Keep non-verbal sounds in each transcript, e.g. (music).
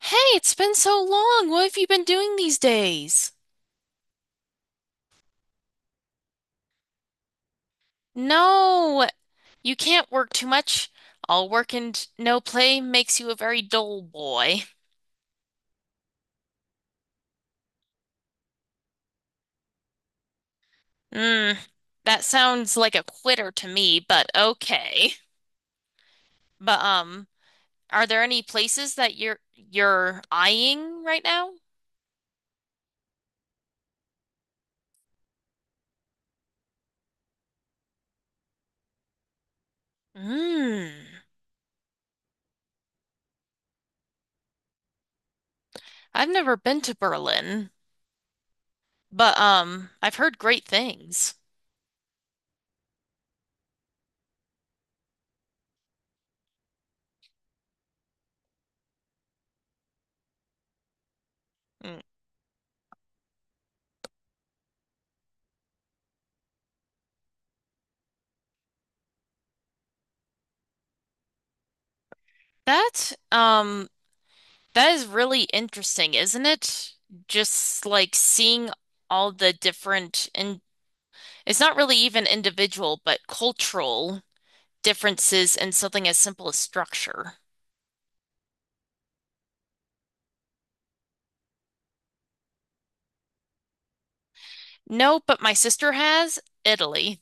Hey, it's been so long. What have you been doing these days? No, you can't work too much. All work and no play makes you a very dull boy. Mm, that sounds like a quitter to me, but okay. But are there any places that you're eyeing right now? Mm, I've never been to Berlin, but I've heard great things. Mm. That um That is really interesting, isn't it? Just like seeing all the different, and it's not really even individual, but cultural differences in something as simple as structure. No, but my sister has Italy.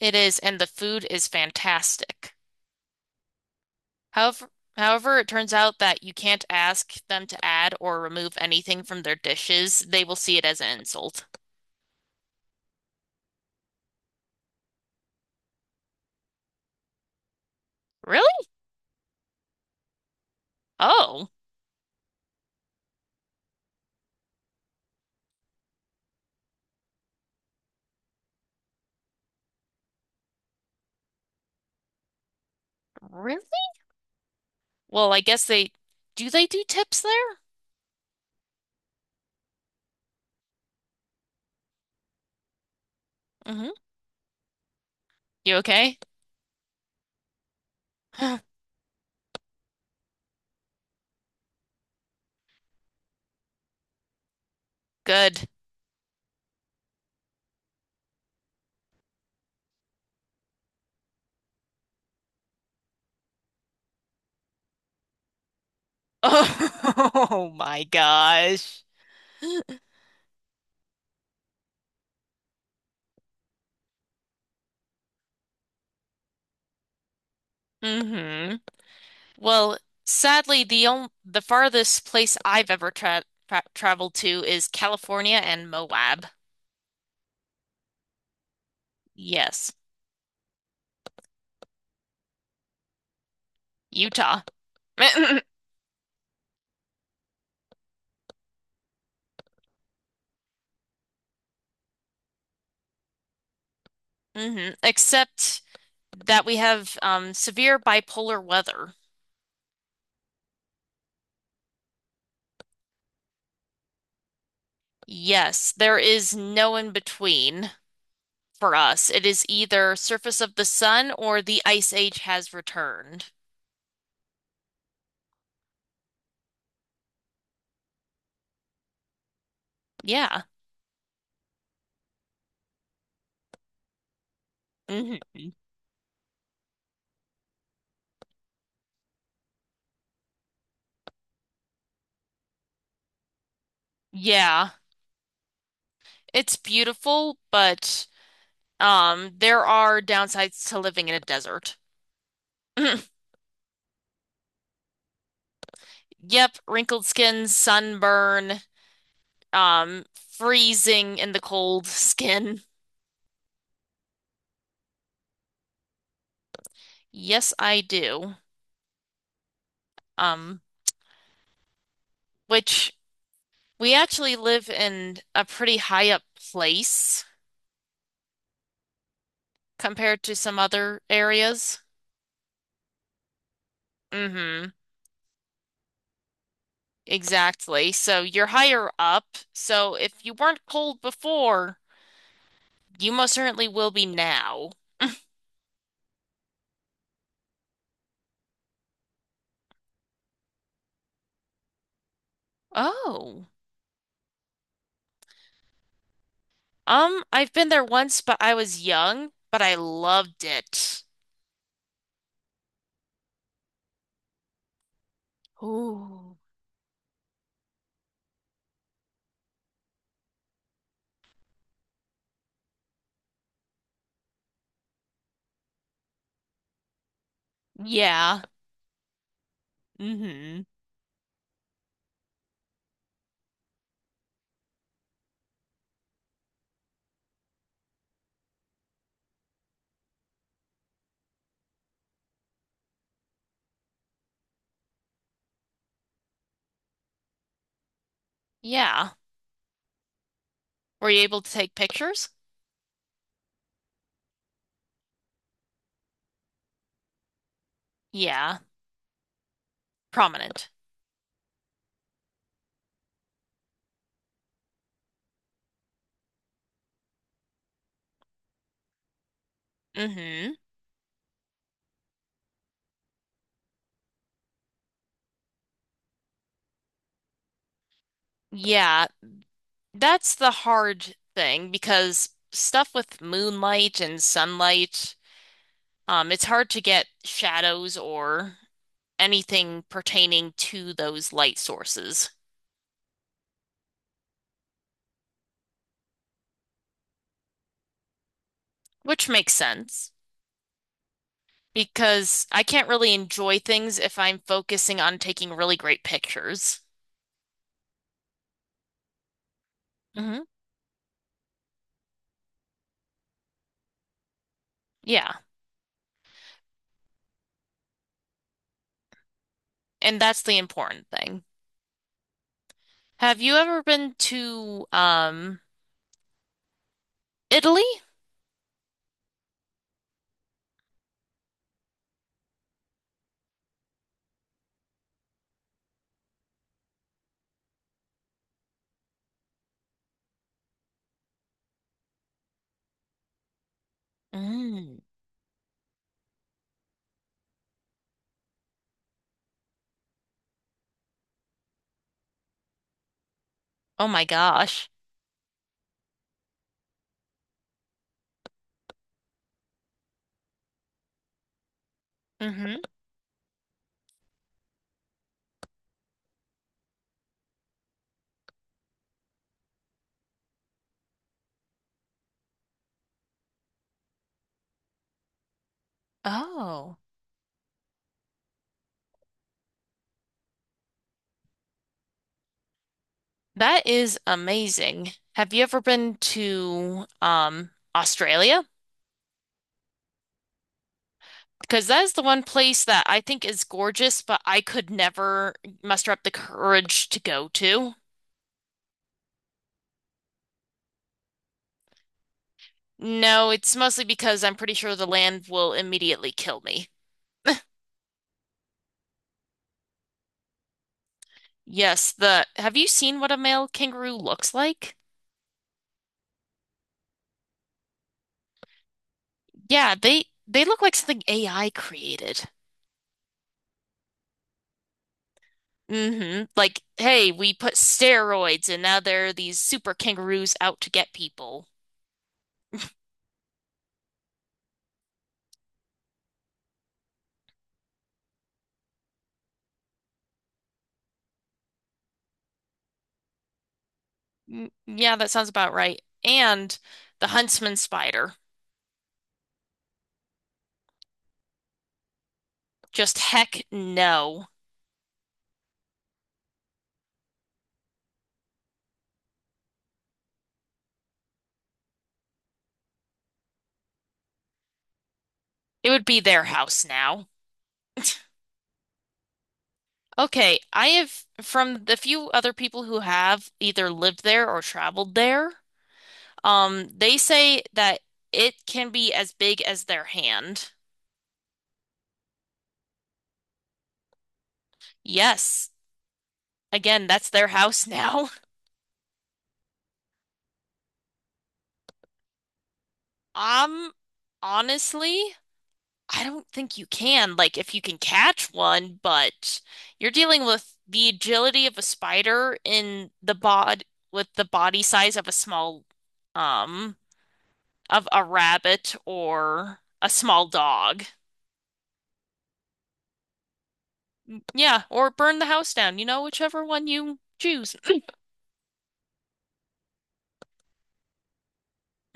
It is, and the food is fantastic. However, however, it turns out that you can't ask them to add or remove anything from their dishes. They will see it as an insult. Really? Oh, really? Well, I guess they do tips there? Hmm. You okay? (gasps) Good. (laughs) Oh my gosh. Hmm. Well, sadly, the farthest place I've ever traveled to is California and Moab. Yes, Utah. (laughs) Hmm. Except that we have severe bipolar weather. Yes, there is no in between for us. It is either surface of the sun or the ice age has returned. Yeah. Hmm. Yeah. It's beautiful, but there are downsides to living in a desert. (laughs) (clears throat) Yep, wrinkled skin, sunburn, um, freezing in the cold skin. Yes, I do. Um, which we actually live in a pretty high up place compared to some other areas. Mm-hmm. Exactly. So you're higher up. So if you weren't cold before, you most certainly will be now. Oh. I've been there once, but I was young, but I loved it. Ooh. Yeah. Mm-hmm. Yeah. Were you able to take pictures? Yeah. Prominent. Mm-hmm. Yeah. That's the hard thing because stuff with moonlight and sunlight, it's hard to get shadows or anything pertaining to those light sources, which makes sense. Because I can't really enjoy things if I'm focusing on taking really great pictures. Hmm. Yeah, and that's the important thing. Have you ever been to Italy? Mm. Oh my gosh. Hmm. Oh, that is amazing. Have you ever been to Australia? Because that is the one place that I think is gorgeous, but I could never muster up the courage to go to. No, it's mostly because I'm pretty sure the land will immediately kill me. Yes, the have you seen what a male kangaroo looks like? Yeah, they look like something AI created. Mm-hmm. Like, hey, we put steroids and now there are these super kangaroos out to get people. Mm, yeah, that sounds about right. And the huntsman spider. Just heck no. It would be their house now. Okay, I have from the few other people who have either lived there or traveled there, they say that it can be as big as their hand. Yes. Again, that's their house now. (laughs) Um, honestly, I don't think you can. Like, if you can catch one, but you're dealing with the agility of a spider in the bod with the body size of a small, um, of a rabbit or a small dog. Yeah, or burn the house down, you know, whichever one you choose.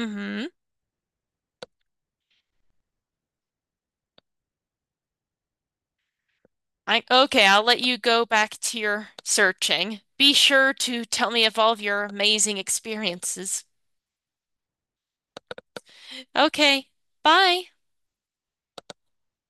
Mm-hmm. I okay, I'll let you go back to your searching. Be sure to tell me of all of your amazing experiences. Okay, bye.